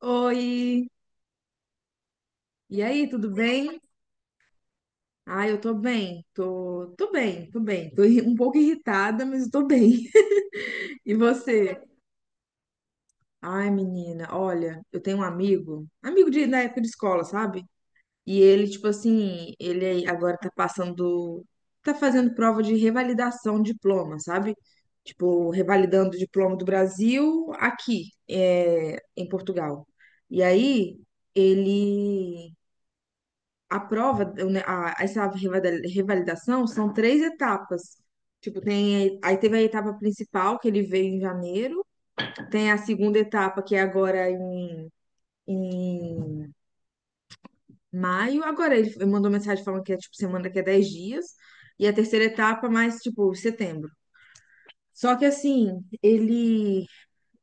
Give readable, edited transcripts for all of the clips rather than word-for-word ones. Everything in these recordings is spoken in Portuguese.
Oi, e aí, tudo bem? Ah, eu tô bem, tô bem, tô bem. Um pouco irritada, mas eu tô bem. E você? Ai, menina, olha, eu tenho um amigo da época de escola, sabe? E ele, tipo assim, ele agora tá fazendo prova de revalidação de diploma, sabe? Tipo, revalidando o diploma do Brasil aqui, em Portugal. E aí, ele a prova, né, essa revalidação são três etapas. Tipo, aí teve a etapa principal, que ele veio em janeiro, tem a segunda etapa, que é agora em maio. Agora ele mandou mensagem falando que é tipo semana que é 10 dias, e a terceira etapa mais tipo setembro. Só que assim, ele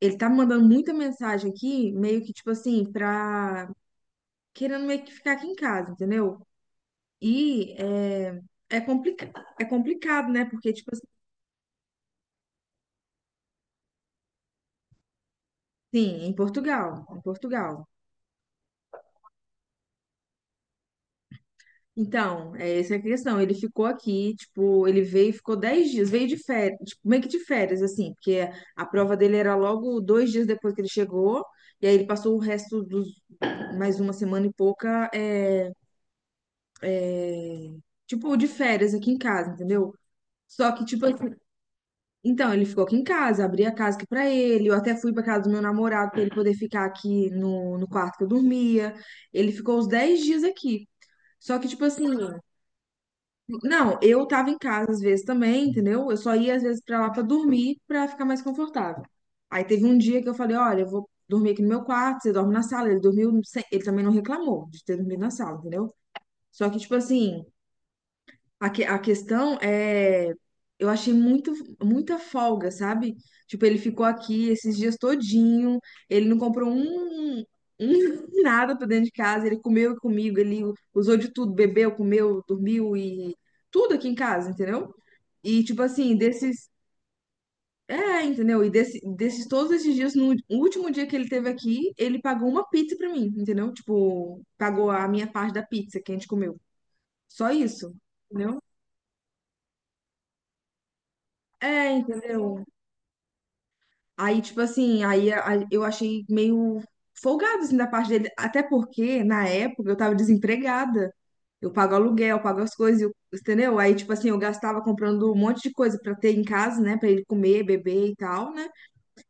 ele tá mandando muita mensagem aqui, meio que tipo assim, pra querendo meio que ficar aqui em casa, entendeu? E é, é, complica é complicado, né? Porque, tipo assim, em Portugal. Então, essa é a questão. Ele ficou aqui, tipo, ele veio, e ficou 10 dias, veio de férias, tipo, meio que de férias, assim, porque a prova dele era logo 2 dias depois que ele chegou, e aí ele passou o resto dos mais uma semana e pouca, tipo, de férias aqui em casa, entendeu? Só que, tipo, assim. Então, ele ficou aqui em casa, abri a casa aqui pra ele. Eu até fui pra casa do meu namorado pra ele poder ficar aqui no quarto que eu dormia. Ele ficou uns 10 dias aqui. Só que, tipo assim, não, eu tava em casa às vezes também, entendeu? Eu só ia às vezes pra lá pra dormir, pra ficar mais confortável. Aí teve um dia que eu falei: olha, eu vou dormir aqui no meu quarto, você dorme na sala. Ele dormiu, ele também não reclamou de ter dormido na sala, entendeu? Só que, tipo assim. A questão é, eu achei muito, muita folga, sabe? Tipo, ele ficou aqui esses dias todinho, ele não comprou nada pra dentro de casa, ele comeu comigo, ele usou de tudo, bebeu, comeu, dormiu e tudo aqui em casa, entendeu? E tipo assim, desses, entendeu? E desses todos esses dias, no último dia que ele teve aqui, ele pagou uma pizza pra mim, entendeu? Tipo, pagou a minha parte da pizza que a gente comeu. Só isso, entendeu? É, entendeu? Aí, tipo assim, eu achei meio folgado, assim, da parte dele. Até porque, na época, eu tava desempregada. Eu pago aluguel, eu pago as coisas, entendeu? Aí, tipo assim, eu gastava comprando um monte de coisa pra ter em casa, né? Pra ele comer, beber e tal, né?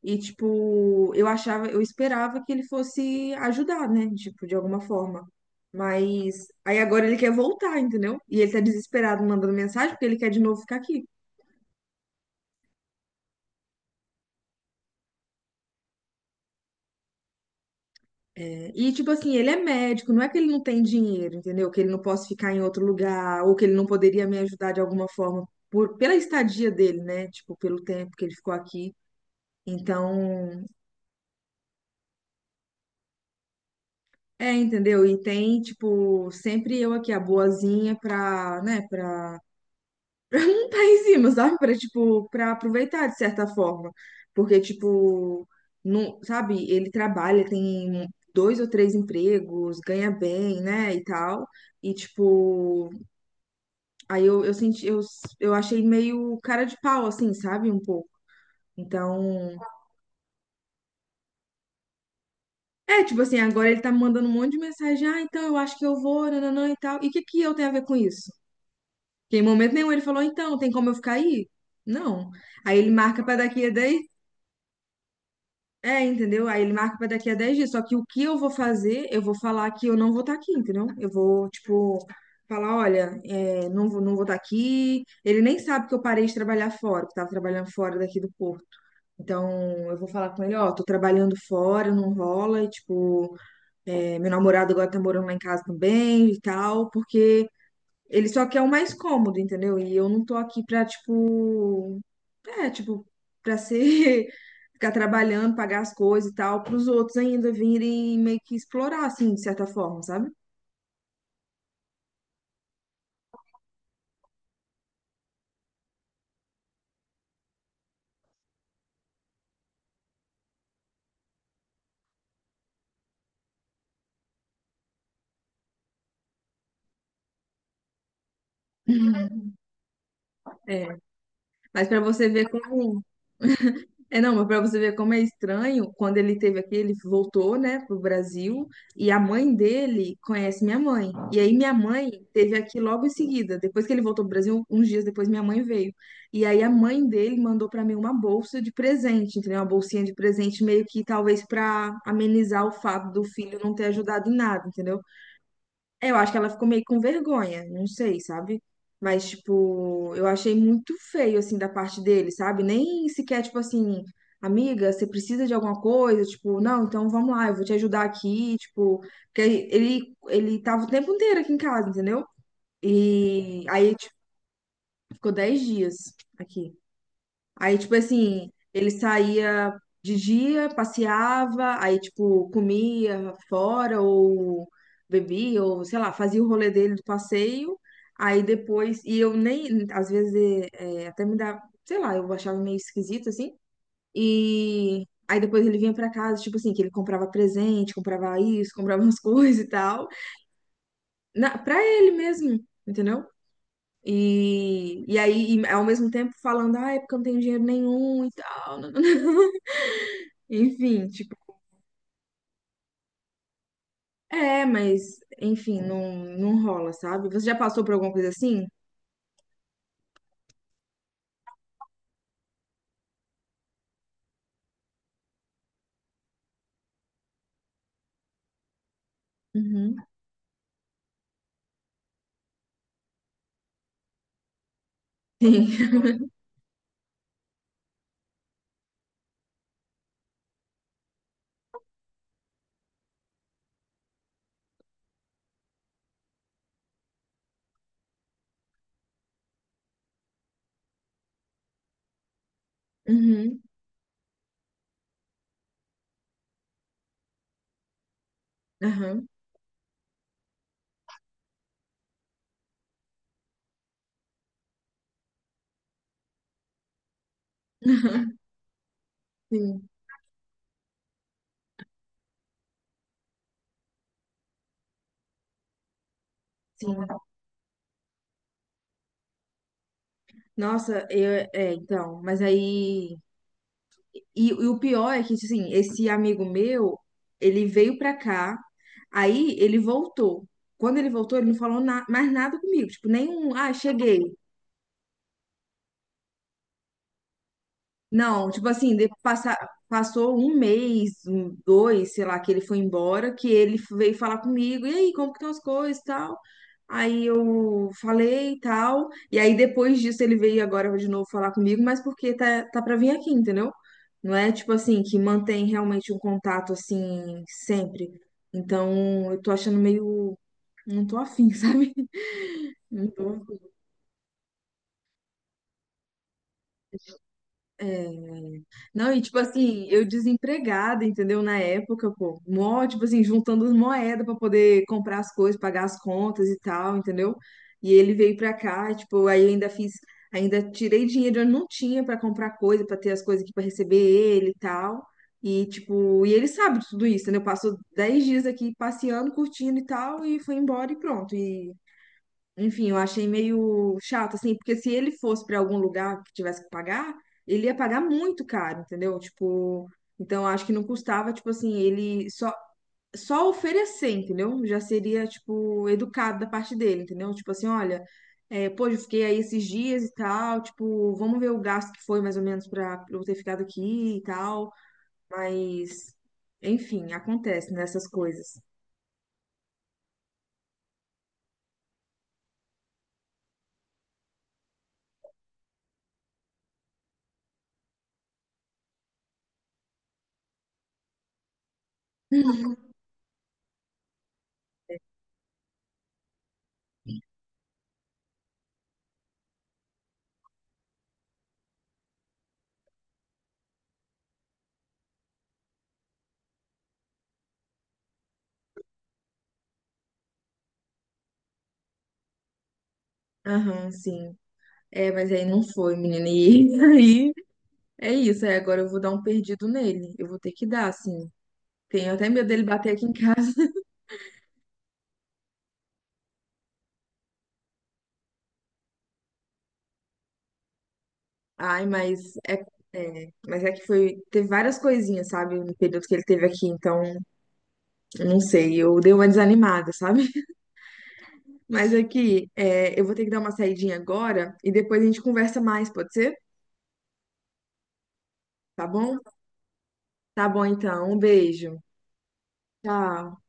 E, tipo, eu esperava que ele fosse ajudar, né? Tipo, de alguma forma. Mas aí agora ele quer voltar, entendeu? E ele tá desesperado mandando mensagem porque ele quer de novo ficar aqui. E, tipo assim, ele é médico, não é que ele não tem dinheiro, entendeu? Que ele não possa ficar em outro lugar, ou que ele não poderia me ajudar de alguma forma pela estadia dele, né? Tipo, pelo tempo que ele ficou aqui. Então, entendeu? E tem, tipo, sempre eu aqui, a boazinha, pra, né, pra não tá em cima, sabe? Pra, tipo, pra aproveitar de certa forma. Porque, tipo, não, sabe, ele trabalha, tem dois ou três empregos, ganha bem, né, e tal. E, tipo, aí eu achei meio cara de pau, assim, sabe? Um pouco. Então, tipo assim, agora ele tá me mandando um monte de mensagem, ah, então eu acho que eu vou, nananã e tal. E o que que eu tenho a ver com isso? Porque em momento nenhum ele falou, então, tem como eu ficar aí? Não. Aí ele marca pra daqui a 10 é, Entendeu? Aí ele marca pra daqui a 10 dias, só que o que eu vou fazer, eu vou falar que eu não vou estar aqui, entendeu? Eu vou, tipo, falar, olha, não vou estar aqui. Ele nem sabe que eu parei de trabalhar fora, que eu tava trabalhando fora daqui do Porto. Então, eu vou falar com ele, ó, tô trabalhando fora, não rola, e, tipo, meu namorado agora tá morando lá em casa também e tal, porque ele só quer o mais cômodo, entendeu? E eu não tô aqui pra, tipo, tipo, pra ser, ficar trabalhando, pagar as coisas e tal, pros outros ainda virem meio que explorar, assim, de certa forma, sabe? Uhum. É, mas pra você ver como É, não, mas para você ver como é estranho, quando ele teve aqui, ele voltou, né, pro Brasil, e a mãe dele conhece minha mãe. E aí minha mãe teve aqui logo em seguida, depois que ele voltou pro Brasil, uns dias depois minha mãe veio. E aí a mãe dele mandou para mim uma bolsa de presente, entendeu? Uma bolsinha de presente meio que talvez para amenizar o fato do filho não ter ajudado em nada, entendeu? Eu acho que ela ficou meio com vergonha, não sei, sabe? Mas, tipo, eu achei muito feio, assim, da parte dele, sabe? Nem sequer, tipo assim, amiga, você precisa de alguma coisa? Tipo, não, então vamos lá, eu vou te ajudar aqui, tipo, porque ele tava o tempo inteiro aqui em casa, entendeu? E aí, tipo, ficou 10 dias aqui. Aí, tipo assim, ele saía de dia, passeava, aí, tipo, comia fora ou bebia, ou sei lá, fazia o rolê dele do passeio. Aí depois, e eu nem, às vezes, até me dá, sei lá, eu achava meio esquisito assim. E aí depois ele vinha pra casa, tipo assim, que ele comprava presente, comprava isso, comprava umas coisas e tal, pra ele mesmo, entendeu? E, e ao mesmo tempo, falando, ah, é porque eu não tenho dinheiro nenhum e tal. Enfim, tipo, mas, enfim, não, não rola, sabe? Você já passou por alguma coisa assim? Uhum. Sim. Uhum. Aham. Sim, sim. Nossa, eu, então, mas aí. E o pior é que, tipo assim, esse amigo meu, ele veio pra cá, aí ele voltou. Quando ele voltou, ele não falou mais nada comigo, tipo, nenhum, ah, cheguei. Não, tipo assim, passou um mês, dois, sei lá, que ele foi embora, que ele veio falar comigo, e aí, como que estão as coisas e tal? Aí eu falei e tal, e aí depois disso ele veio agora de novo falar comigo, mas porque tá pra vir aqui, entendeu? Não é tipo assim, que mantém realmente um contato assim, sempre. Então, eu tô achando meio, não tô afim, sabe? Não tô Não, e tipo assim, eu desempregada, entendeu? Na época, pô, mó, tipo assim, juntando as moedas pra poder comprar as coisas, pagar as contas e tal, entendeu? E ele veio pra cá, e, tipo, aí ainda tirei dinheiro, eu não tinha pra comprar coisa, pra ter as coisas aqui pra receber ele e tal. E tipo, e ele sabe de tudo isso, entendeu? Passou 10 dias aqui passeando, curtindo e tal, e foi embora e pronto. E enfim, eu achei meio chato, assim, porque se ele fosse para algum lugar que tivesse que pagar, ele ia pagar muito caro, entendeu? Tipo, então acho que não custava, tipo assim, ele só oferecer, entendeu? Já seria, tipo, educado da parte dele, entendeu? Tipo assim, olha, pô, eu fiquei aí esses dias e tal, tipo, vamos ver o gasto que foi mais ou menos para eu ter ficado aqui e tal, mas, enfim, acontece nessas coisas. Aham, sim. É, mas aí não foi, menina. E aí é isso, aí agora eu vou dar um perdido nele. Eu vou ter que dar, assim. Tenho até medo dele bater aqui em casa. Ai, mas é que foi. Teve várias coisinhas, sabe? No período que ele teve aqui, então, não sei. Eu dei uma desanimada, sabe? Mas aqui, eu vou ter que dar uma saidinha agora e depois a gente conversa mais, pode ser? Tá bom? Tá bom, então. Um beijo. Tchau.